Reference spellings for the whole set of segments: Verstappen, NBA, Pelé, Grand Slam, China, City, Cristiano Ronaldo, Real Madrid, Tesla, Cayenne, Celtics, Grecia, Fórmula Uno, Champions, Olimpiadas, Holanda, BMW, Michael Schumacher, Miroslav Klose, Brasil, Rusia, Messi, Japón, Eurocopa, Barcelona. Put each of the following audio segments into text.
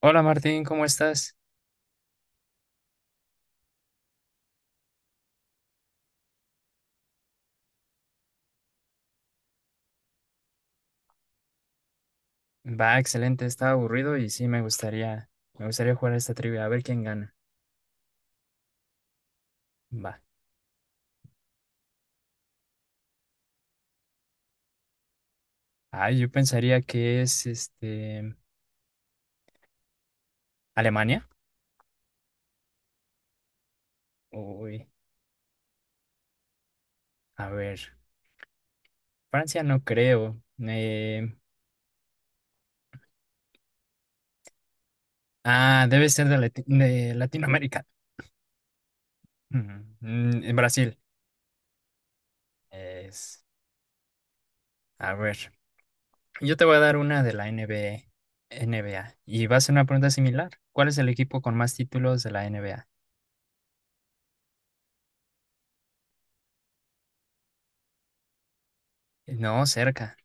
Hola Martín, ¿cómo estás? Va, excelente, estaba aburrido y sí me gustaría jugar a esta trivia, a ver quién gana. Va. Ah, yo pensaría que es Alemania. Uy, a ver, Francia no creo. Debe ser de, de Latinoamérica. En Brasil. Es, a ver, yo te voy a dar una de la NBA, NBA y va a ser una pregunta similar. ¿Cuál es el equipo con más títulos de la NBA? No, cerca.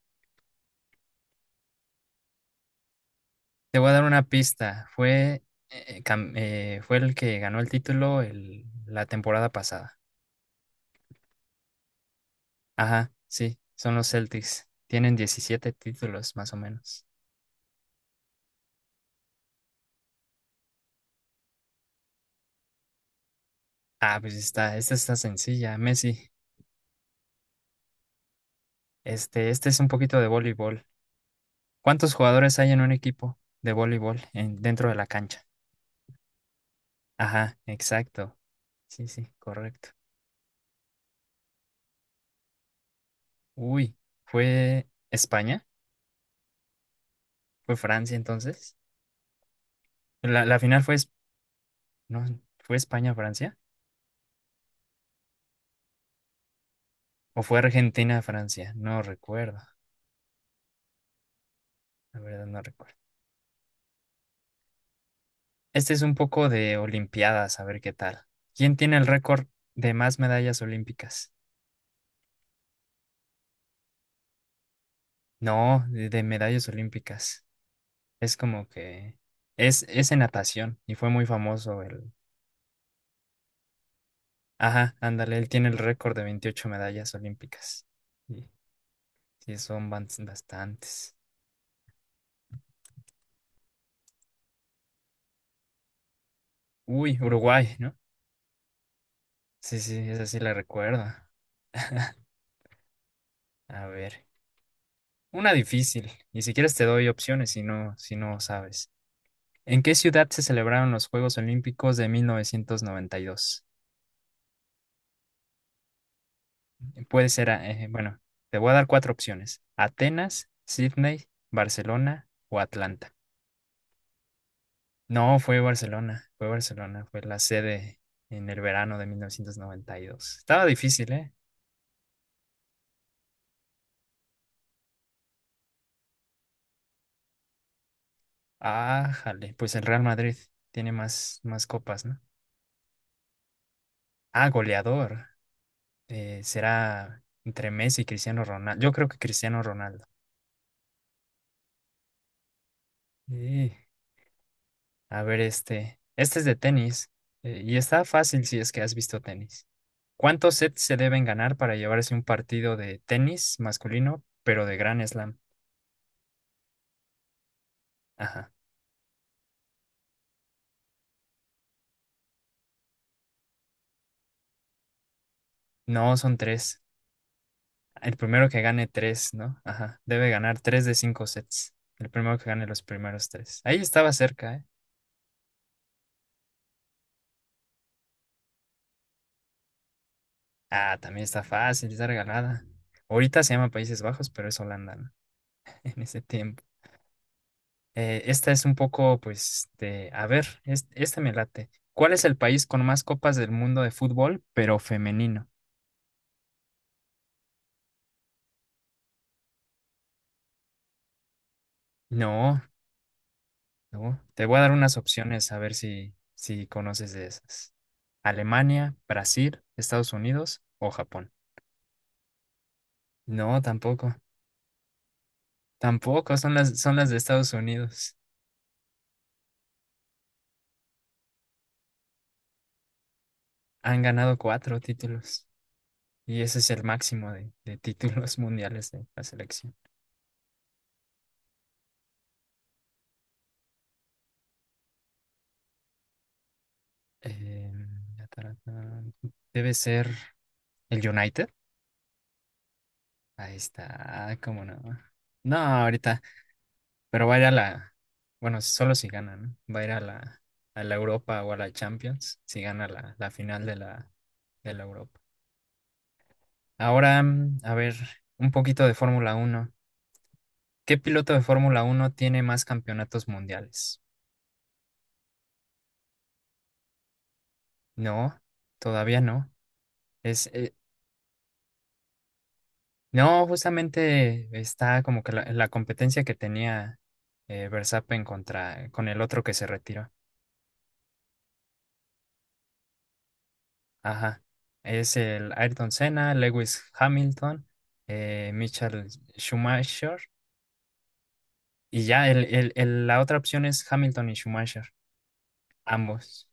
Te voy a dar una pista. Fue el que ganó el título la temporada pasada. Ajá, sí, son los Celtics. Tienen 17 títulos, más o menos. Ah, esta está sencilla, Messi. Este es un poquito de voleibol. ¿Cuántos jugadores hay en un equipo de voleibol dentro de la cancha? Ajá, exacto. Sí, sí, correcto. Uy, ¿fue España? ¿Fue Francia entonces? La final fue, es- no, ¿fue España-Francia? O fue Argentina-Francia, no recuerdo. La verdad no recuerdo. Este es un poco de Olimpiadas, a ver qué tal. ¿Quién tiene el récord de más medallas olímpicas? No, de medallas olímpicas. Es como que es en natación y fue muy famoso el… Ajá, ándale, él tiene el récord de 28 medallas olímpicas. Y sí, son bastantes. Uy, Uruguay, ¿no? Sí, sí, esa sí la recuerdo. A ver, una difícil. Y si quieres te doy opciones si no, si no sabes. ¿En qué ciudad se celebraron los Juegos Olímpicos de 1992? Puede ser, bueno, te voy a dar cuatro opciones. Atenas, Sydney, Barcelona o Atlanta. No, fue Barcelona, fue Barcelona, fue la sede en el verano de 1992. Estaba difícil, ¿eh? Ah, jale, pues el Real Madrid tiene más, más copas, ¿no? Ah, goleador. Será entre Messi y Cristiano Ronaldo. Yo creo que Cristiano Ronaldo. Sí. A ver, este. Este es de tenis. Y está fácil si es que has visto tenis. ¿Cuántos sets se deben ganar para llevarse un partido de tenis masculino, pero de Grand Slam? Ajá. No, son tres. El primero que gane tres, ¿no? Ajá. Debe ganar tres de 5 sets. El primero que gane los primeros tres. Ahí estaba cerca, ¿eh? Ah, también está fácil, está regalada. Ahorita se llama Países Bajos, pero es Holanda, ¿no? En ese tiempo. Esta es un poco, pues, de, a ver, esta me late. ¿Cuál es el país con más copas del mundo de fútbol, pero femenino? No, no. Te voy a dar unas opciones a ver si, si conoces de esas. Alemania, Brasil, Estados Unidos o Japón. No, tampoco. Tampoco, son las de Estados Unidos. Han ganado 4 títulos. Y ese es el máximo de títulos mundiales de la selección. Ya, tarata. Debe ser el United. Ahí está, ah, cómo no. No, ahorita, pero va a ir a la, bueno, solo si gana, ¿no? Va a ir a la Europa o a la Champions, si gana la, la final de la Europa. Ahora, a ver, un poquito de Fórmula Uno. ¿Qué piloto de Fórmula Uno tiene más campeonatos mundiales? No, todavía no. Es, eh, no, Justamente está como que la competencia que tenía Verstappen contra, con el otro que se retiró. Ajá. Es el Ayrton Senna, Lewis Hamilton, Michael Schumacher. Y ya, la otra opción es Hamilton y Schumacher, ambos.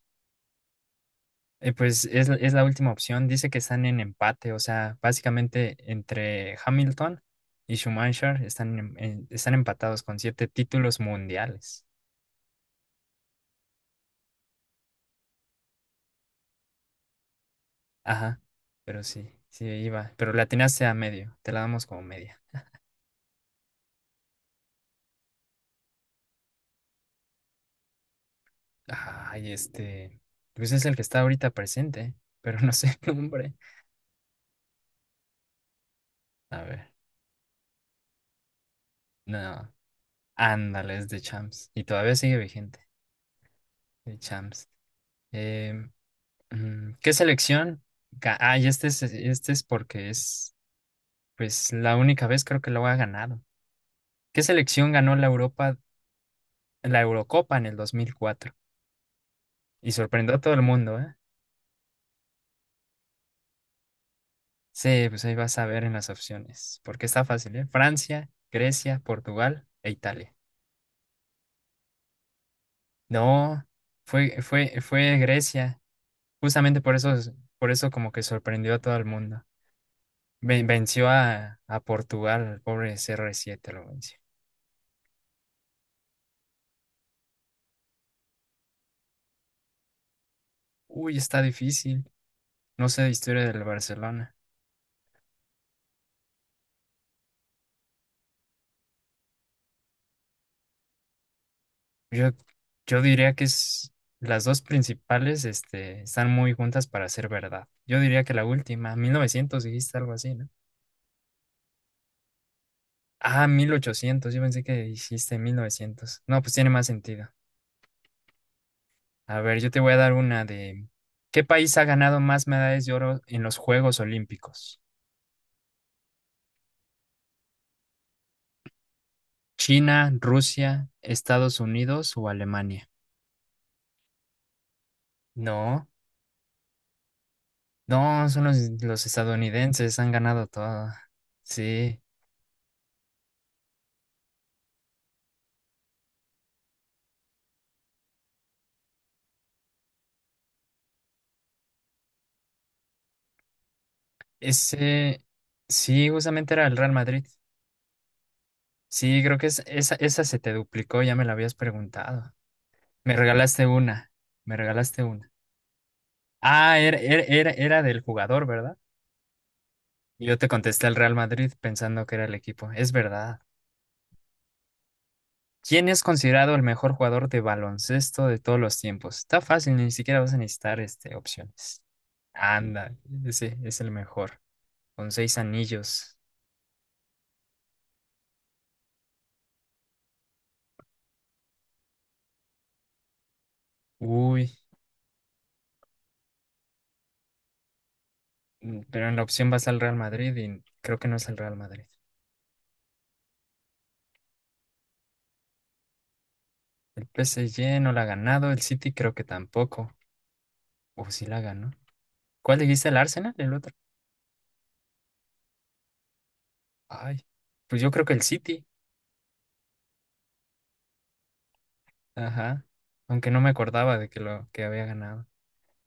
Pues es la última opción. Dice que están en empate, o sea, básicamente entre Hamilton y Schumacher están empatados con 7 títulos mundiales. Ajá, pero sí, sí iba. Pero la atinaste a medio, te la damos como media. Ay, este. Pues es el que está ahorita presente, pero no sé el nombre. A ver, no. Ándale, es de Champs. Y todavía sigue vigente. De Champs. Em, ¿Qué selección? Ah, y este es porque es, pues, la única vez creo que lo ha ganado. ¿Qué selección ganó la Europa, la Eurocopa en el 2004? Y sorprendió a todo el mundo, ¿eh? Sí, pues ahí vas a ver en las opciones, porque está fácil, ¿eh? Francia, Grecia, Portugal e Italia. No, fue, fue, fue Grecia. Justamente por eso como que sorprendió a todo el mundo. Venció a Portugal, el pobre CR7 lo venció. Uy, está difícil. No sé de historia del Barcelona. Yo, yo diría que es, las dos principales, este, están muy juntas para ser verdad. Yo diría que la última, 1900 dijiste algo así, ¿no? Ah, 1800. Yo pensé que dijiste 1900. No, pues tiene más sentido. A ver, yo te voy a dar una de… ¿Qué país ha ganado más medallas de oro en los Juegos Olímpicos? ¿China, Rusia, Estados Unidos o Alemania? No, no, son los estadounidenses, han ganado todo. Sí, ese… Sí, justamente era el Real Madrid. Sí, creo que es, esa se te duplicó, ya me la habías preguntado. Me regalaste una, me regalaste una. Ah, era del jugador, ¿verdad? Yo te contesté al Real Madrid pensando que era el equipo. Es verdad. ¿Quién es considerado el mejor jugador de baloncesto de todos los tiempos? Está fácil, ni siquiera vas a necesitar opciones. Anda, ese es el mejor, con 6 anillos. Uy, pero en la opción vas al Real Madrid y creo que no es el Real Madrid. El PSG no la ha ganado, el City creo que tampoco. O sí la ganó. ¿Cuál dijiste, el Arsenal? El otro. Ay, pues yo creo que el City. Ajá, aunque no me acordaba de que lo que había ganado.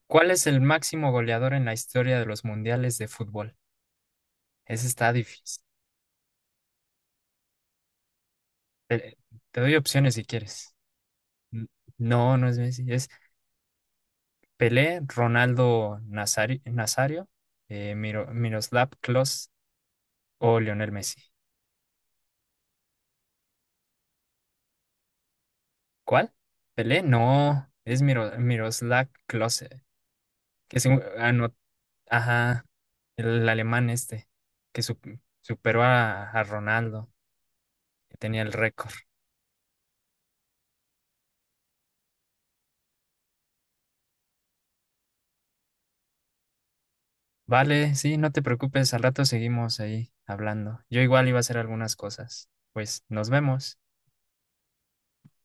¿Cuál es el máximo goleador en la historia de los mundiales de fútbol? Ese está difícil. Te, Te doy opciones si quieres. N- No, no es Messi. Es Pelé, Nazario, Miroslav Klose o Lionel Messi. ¿Cuál? Pelé, no. Es Miroslav Klose, que es un, ajá, el alemán este, que su- superó a Ronaldo, que tenía el récord. Vale, sí, no te preocupes, al rato seguimos ahí hablando. Yo igual iba a hacer algunas cosas. Pues nos vemos.